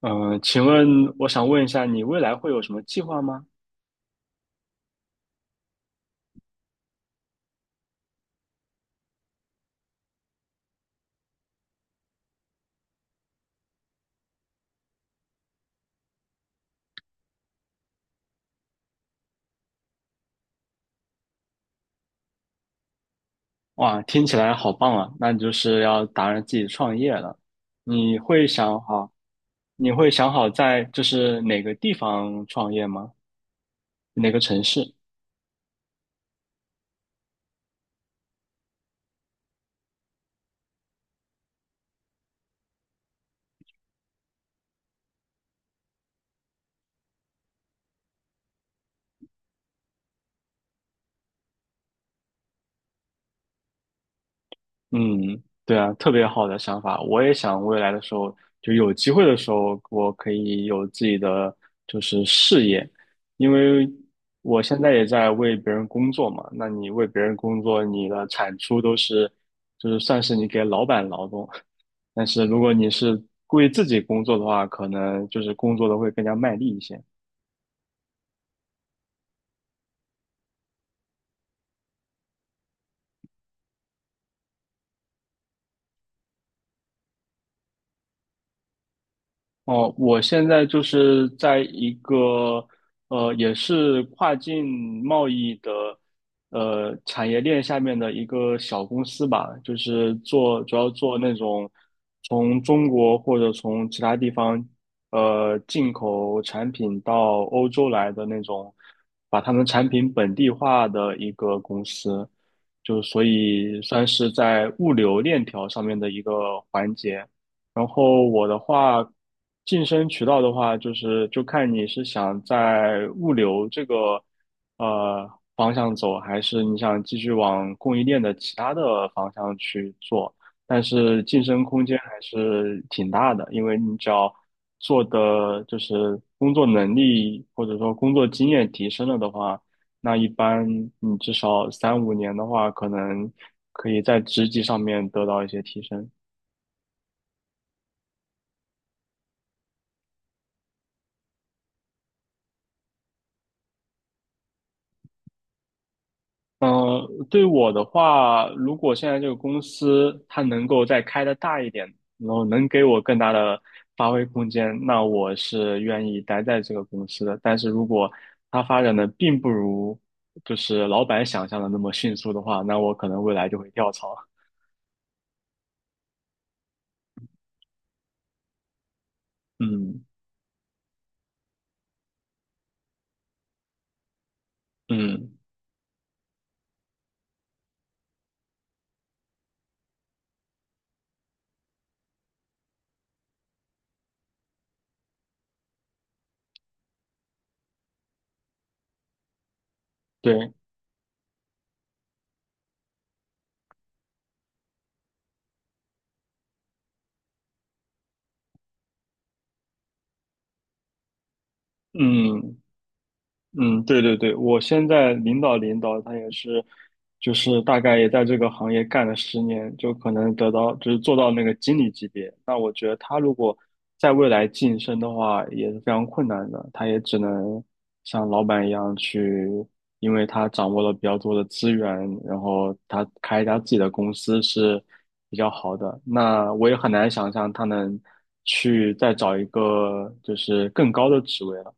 嗯，呃请问我想问一下，你未来会有什么计划吗？哇，听起来好棒啊！那你就是要打算自己创业了。你会想好，你会想好在就是哪个地方创业吗？哪个城市？嗯，对啊，特别好的想法。我也想未来的时候，就有机会的时候，我可以有自己的事业，因为我现在也在为别人工作嘛。那你为别人工作，你的产出都是，就是算是你给老板劳动。但是如果你是为自己工作的话，可能就是工作的会更加卖力一些。哦，我现在就是在一个也是跨境贸易的产业链下面的一个小公司吧，就是做主要做那种从中国或者从其他地方进口产品到欧洲来的那种，把他们产品本地化的一个公司，就所以算是在物流链条上面的一个环节。然后我的话，晋升渠道的话，就是就看你是想在物流这个呃方向走，还是你想继续往供应链的其他的方向去做。但是晋升空间还是挺大的，因为你只要做的就是工作能力或者说工作经验提升了的话，那一般你至少三五年的话，可能可以在职级上面得到一些提升。嗯，对我的话，如果现在这个公司它能够再开的大一点，然后能给我更大的发挥空间，那我是愿意待在这个公司的。但是如果它发展的并不如就是老板想象的那么迅速的话，那我可能未来就会跳槽。嗯嗯，对，嗯。嗯，对对对，我现在领导他也是，就是大概也在这个行业干了十年，就可能得到就是做到那个经理级别。那我觉得他如果在未来晋升的话，也是非常困难的，他也只能像老板一样去，因为他掌握了比较多的资源，然后他开一家自己的公司是比较好的。那我也很难想象他能去再找一个就是更高的职位了。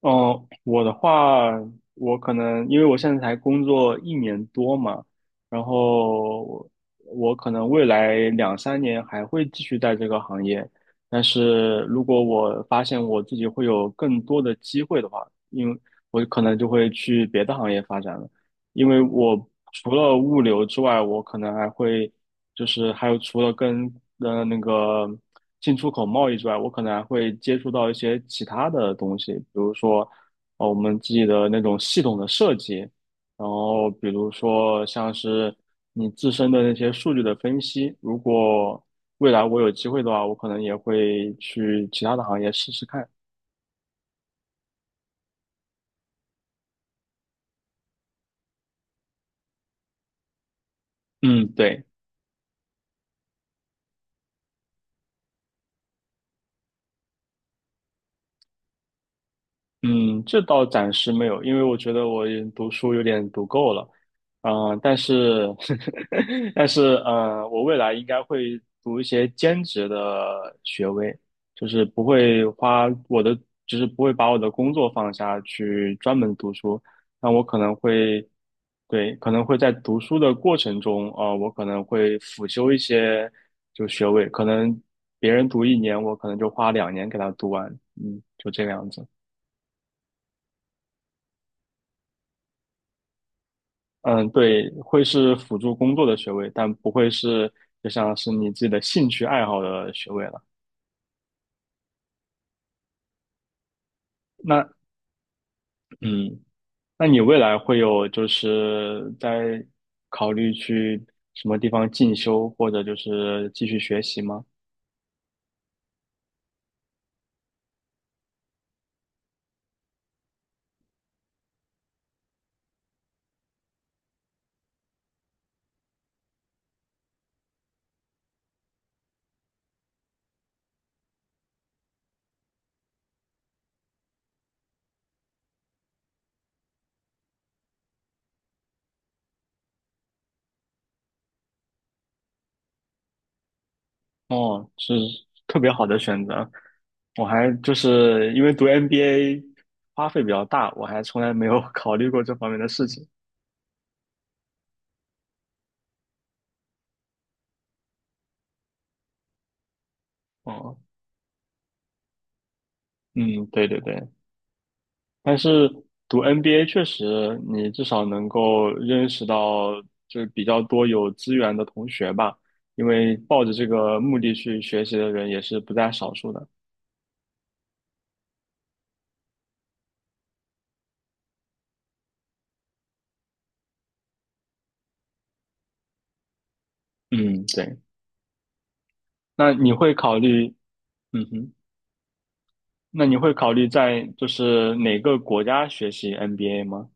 嗯，我的话，我可能因为我现在才工作一年多嘛，然后我可能未来两三年还会继续在这个行业，但是如果我发现我自己会有更多的机会的话，因为我可能就会去别的行业发展了。因为我除了物流之外，我可能还会就是还有除了跟呃那个进出口贸易之外，我可能还会接触到一些其他的东西，比如说我们自己的那种系统的设计，然后比如说像是你自身的那些数据的分析，如果未来我有机会的话，我可能也会去其他的行业试试看。嗯，对。嗯，这倒暂时没有，因为我觉得我也读书有点读够了，啊，但是，但是，我未来应该会读一些兼职的学位，就是不会花我的，就是不会把我的工作放下去专门读书，那我可能会，对，可能会在读书的过程中，啊，我可能会辅修一些就学位，可能别人读一年，我可能就花两年给他读完，嗯，就这个样子。嗯，对，会是辅助工作的学位，但不会是就像是你自己的兴趣爱好的学位了。那嗯，那你未来会有就是在考虑去什么地方进修，或者就是继续学习吗？哦，是特别好的选择。我还就是因为读 MBA 花费比较大，我还从来没有 考虑过这方面的事情。哦，嗯，对对对。但是读 NBA 确实，你至少能够认识到就是比较多有资源的同学吧，因为抱着这个目的去学习的人也是不在少数的。嗯，对。那你会考虑，嗯哼，那你会考虑在就是哪个国家学习 NBA 吗？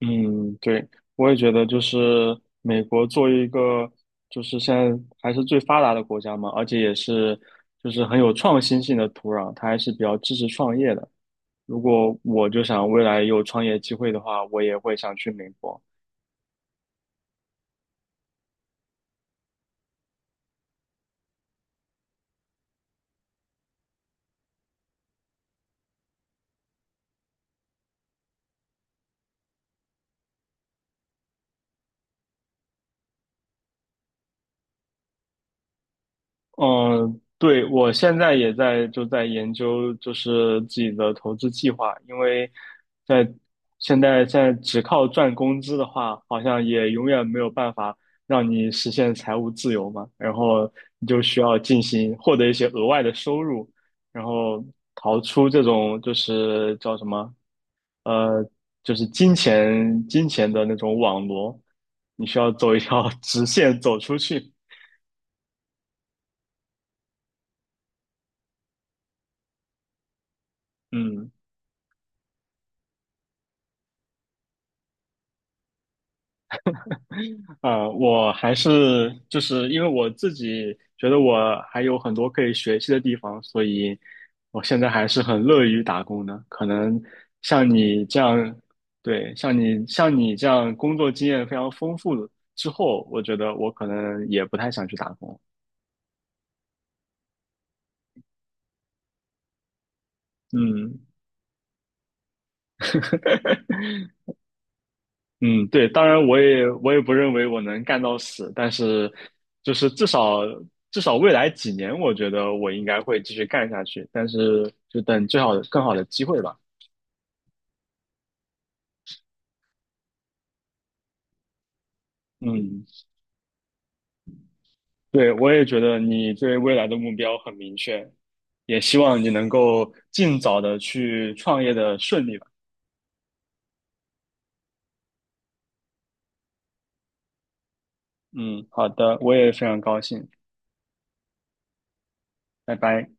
嗯，对，我也觉得就是美国作为一个就是现在还是最发达的国家嘛，而且也是就是很有创新性的土壤，它还是比较支持创业的。如果我就想未来有创业机会的话，我也会想去美国。嗯，对，我现在也在就在研究，就是自己的投资计划，因为在现在只靠赚工资的话，好像也永远没有办法让你实现财务自由嘛。然后你就需要进行获得一些额外的收入，然后逃出这种就是叫什么，呃，就是金钱的那种网罗，你需要走一条 直线走出去。嗯，啊，我还是就是因为我自己觉得我还有很多可以学习的地方，所以我现在还是很乐于打工的。可能像你这样，对，像你这样工作经验非常丰富之后，我觉得我可能也不太想去打工。嗯嗯，对，当然我也不认为我能干到死，但是就是至少至少未来几年，我觉得我应该会继续干下去，但是就等最好的更好的机会吧。嗯，对，我也觉得你对未来的目标很明确，也希望你能够尽早的去创业的顺利吧。嗯，好的，我也非常高兴，拜拜。